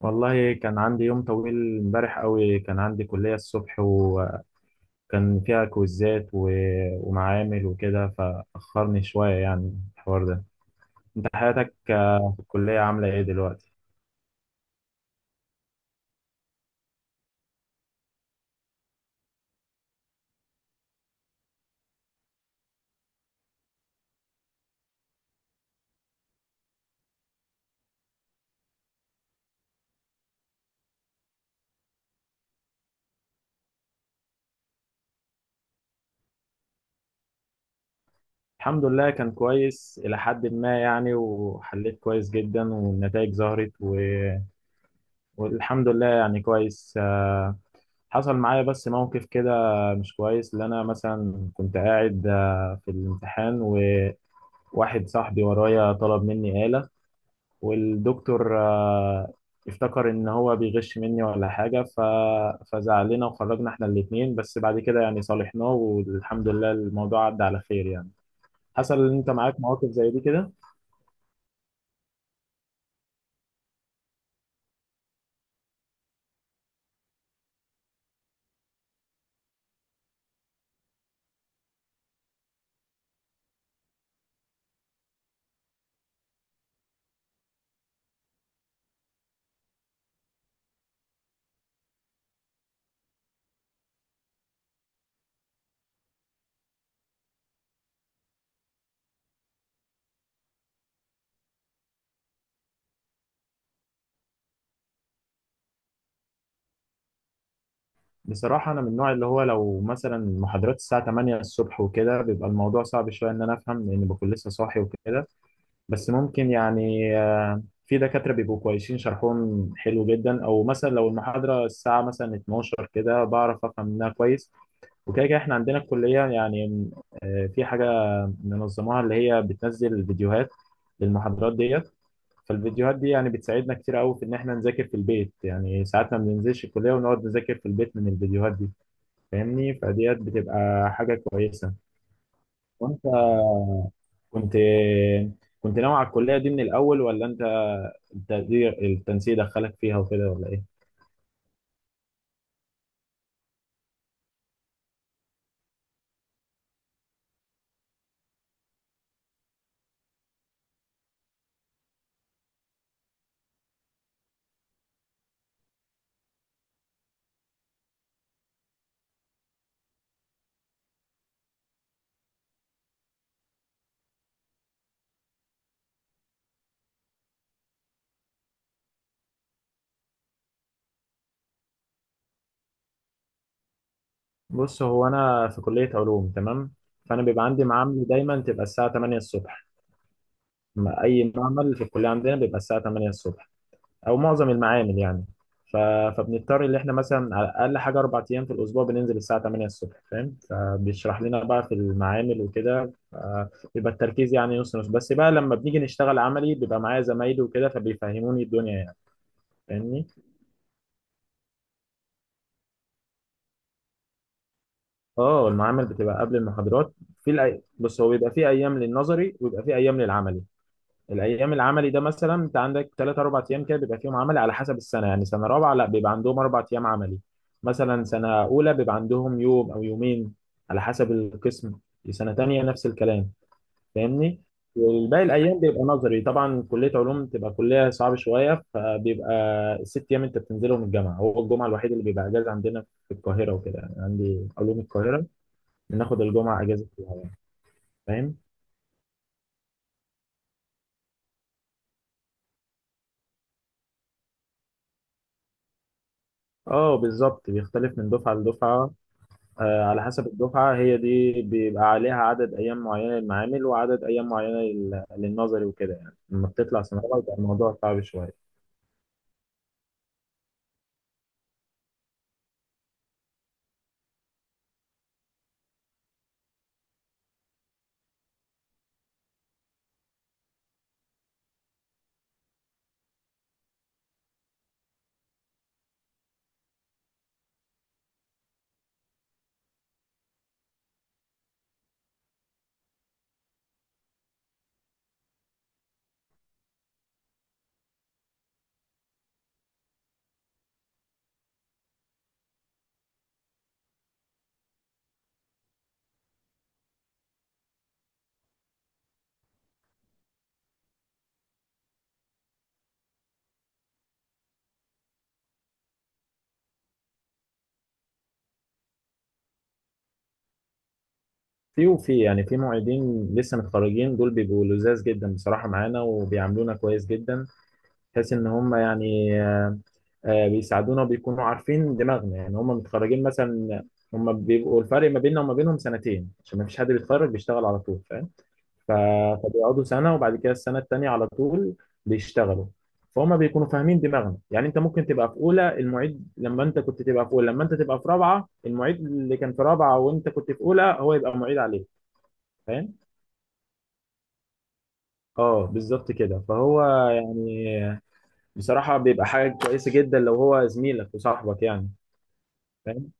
والله كان عندي يوم طويل امبارح قوي. كان عندي كلية الصبح وكان فيها كويزات ومعامل وكده، فأخرني شوية يعني الحوار ده. انت حياتك، في الكلية عاملة ايه دلوقتي؟ الحمد لله كان كويس إلى حد ما يعني، وحليت كويس جدا والنتائج ظهرت. والحمد لله يعني كويس. حصل معايا بس موقف كده مش كويس، اللي أنا مثلا كنت قاعد في الامتحان، وواحد صاحبي ورايا طلب مني آلة، والدكتور افتكر ان هو بيغش مني ولا حاجه. فزعلنا وخرجنا احنا الاثنين، بس بعد كده يعني صالحناه، والحمد لله الموضوع عدى على خير يعني. حصل ان انت معاك مواقف زي دي كده؟ بصراحه انا من النوع اللي هو لو مثلا محاضرات الساعه 8 الصبح وكده بيبقى الموضوع صعب شويه ان انا افهم، لان بكون لسه صاحي وكده. بس ممكن يعني، في دكاترة بيبقوا كويسين شرحهم حلو جدا، او مثلا لو المحاضرة الساعة مثلا 12 كده بعرف افهم منها كويس. وكده كده احنا عندنا الكلية يعني في حاجة منظموها، اللي هي بتنزل فيديوهات للمحاضرات ديت. فالفيديوهات دي يعني بتساعدنا كتير قوي في ان احنا نذاكر في البيت، يعني ساعات ما بننزلش الكلية ونقعد نذاكر في البيت من الفيديوهات دي. فاهمني؟ فديت بتبقى حاجة كويسة. وانت كنت كنت ناوي على الكلية دي من الاول، ولا انت التقدير التنسيق دخلك فيها وكده ولا ايه؟ بص، هو انا في كلية علوم تمام، فانا بيبقى عندي معامل دايما تبقى الساعة 8 الصبح. اي معمل في الكليه عندنا بيبقى الساعه 8 الصبح، او معظم المعامل يعني ف... فبنضطر ان احنا مثلا على اقل حاجه 4 ايام في الاسبوع بننزل الساعه 8 الصبح، فاهم، فبيشرح لنا بقى في المعامل وكده. بيبقى التركيز يعني نص نص، بس بقى لما بنيجي نشتغل عملي بيبقى معايا زمايلي وكده فبيفهموني الدنيا يعني. فاهمني. اه، المعامل بتبقى قبل المحاضرات. بص، هو بيبقى في ايام للنظري وبيبقى في ايام للعملي. الايام العملي ده مثلا انت عندك ثلاث اربع ايام كده بيبقى فيهم عملي، على حسب السنه يعني. سنه رابعه لا بيبقى عندهم 4 ايام عملي، مثلا سنه اولى بيبقى عندهم يوم او يومين، على حسب القسم. سنه تانية نفس الكلام. فاهمني. والباقي الايام بيبقى نظري. طبعا كليه علوم تبقى كليه صعبه شويه، فبيبقى الست ايام انت بتنزلهم الجامعه، هو الجمعه الوحيد اللي بيبقى اجازه عندنا في القاهره وكده، يعني عندي علوم القاهره، بناخد الجمعه اجازه فيها. فاهم. اه بالظبط، بيختلف من دفعه لدفعه. على حسب الدفعة هي دي بيبقى عليها عدد أيام معينة للمعامل وعدد أيام معينة للنظري وكده، يعني لما بتطلع سنة أولى بيبقى الموضوع صعب شوية. في وفي يعني في معيدين لسه متخرجين، دول بيبقوا لزاز جدا بصراحة معانا وبيعاملونا كويس جدا، بحيث إن هم يعني، بيساعدونا وبيكونوا عارفين دماغنا. يعني هم متخرجين مثلا، هم بيبقوا الفرق ما بيننا وما بينهم سنتين، عشان ما فيش حد بيتخرج بيشتغل على طول ف- فبيقعدوا سنة وبعد كده السنة التانية على طول بيشتغلوا. فهم بيكونوا فاهمين دماغنا، يعني انت ممكن تبقى في اولى المعيد لما انت كنت تبقى في اولى، لما انت تبقى في رابعة المعيد اللي كان في رابعة وانت كنت في اولى هو يبقى معيد عليك. فاهم. اه بالظبط كده. فهو يعني بصراحة بيبقى حاجة كويسة جدا لو هو زميلك وصاحبك يعني. فاهم.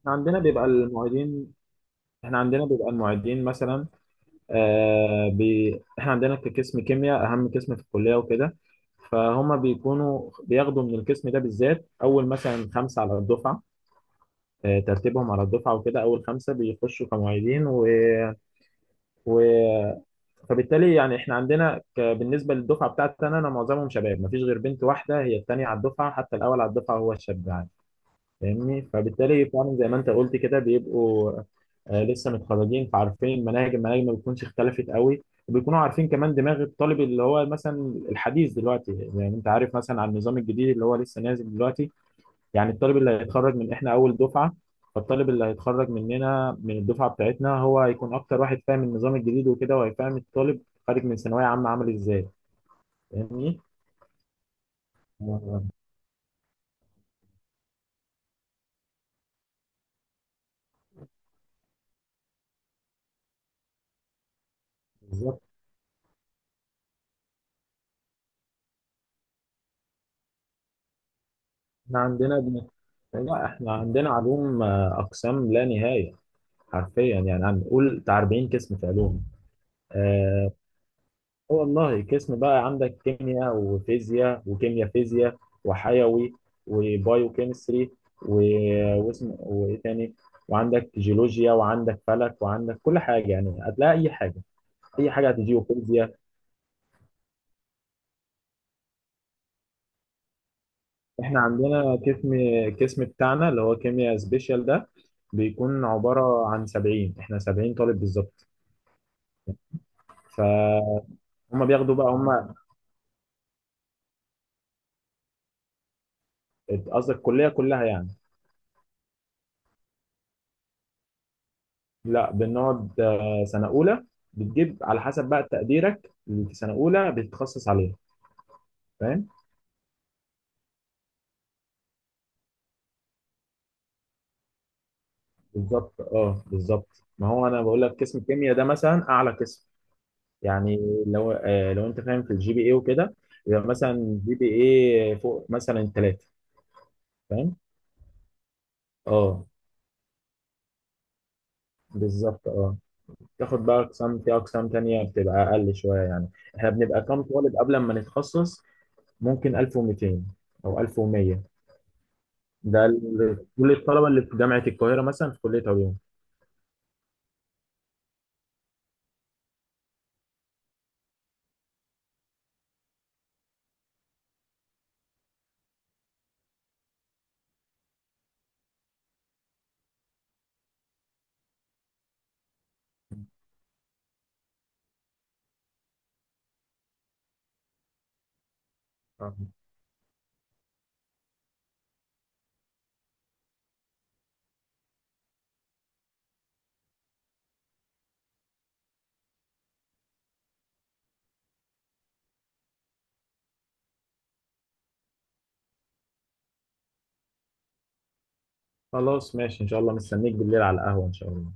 احنا عندنا بيبقى المعيدين احنا عندنا بيبقى المعيدين مثلا، احنا عندنا كقسم كيمياء اهم قسم في الكليه وكده، فهم بيكونوا بياخدوا من القسم ده بالذات اول مثلا خمسه على الدفعه، آه ترتيبهم على الدفعه وكده، اول خمسه بيخشوا كمعيدين و... فبالتالي يعني احنا عندنا. بالنسبه للدفعه بتاعتنا انا معظمهم شباب، مفيش غير بنت واحده هي الثانيه على الدفعه، حتى الاول على الدفعه هو الشاب يعني. فاهمني. فبالتالي فعلا زي ما انت قلت كده بيبقوا لسه متخرجين، فعارفين المناهج ما بتكونش اختلفت قوي، وبيكونوا عارفين كمان دماغ الطالب اللي هو مثلا الحديث دلوقتي، زي ما انت عارف مثلا عن النظام الجديد اللي هو لسه نازل دلوقتي. يعني الطالب اللي هيتخرج من احنا اول دفعة، فالطالب اللي هيتخرج مننا من الدفعة بتاعتنا هو هيكون اكتر واحد فاهم النظام الجديد وكده، وهيفهم الطالب خارج من ثانوية عامة عامل ازاي. فاهمني؟ آه، بالظبط. احنا عندنا، لا احنا عندنا علوم اقسام لا نهاية، حرفيا يعني عم قول بتاع 40 قسم في علوم. آه والله، قسم بقى عندك كيمياء وفيزياء وكيمياء فيزياء وحيوي وبايوكيمستري و... واسم وايه تاني، وعندك جيولوجيا وعندك فلك وعندك كل حاجه، يعني هتلاقي اي حاجه، اي حاجه هتجي وفيزياء. احنا عندنا قسم بتاعنا اللي هو كيمياء سبيشال ده بيكون عباره عن 70، احنا 70 طالب بالظبط. فهم بياخدوا بقى هم. قصدك الكليه كلها يعني؟ لا بنقعد سنة أولى، بتجيب على حسب بقى تقديرك اللي في سنة أولى بتتخصص عليها. فاهم؟ بالظبط اه، بالظبط. ما هو أنا بقول لك قسم الكيمياء ده مثلا أعلى قسم يعني، لو لو أنت فاهم في الجي بي إيه وكده، يبقى مثلا جي بي إيه فوق مثلا التلاتة. فاهم؟ اه بالظبط اه. تاخد بقى أقسام، في أقسام تانية بتبقى أقل شوية يعني. احنا بنبقى كام طالب قبل ما نتخصص؟ ممكن 1200 أو 1100. كل الطلبة اللي في جامعة القاهرة مثلا في كلية علوم. آه. خلاص ماشي إن شاء الله، مستنيك بالليل على القهوة إن شاء الله.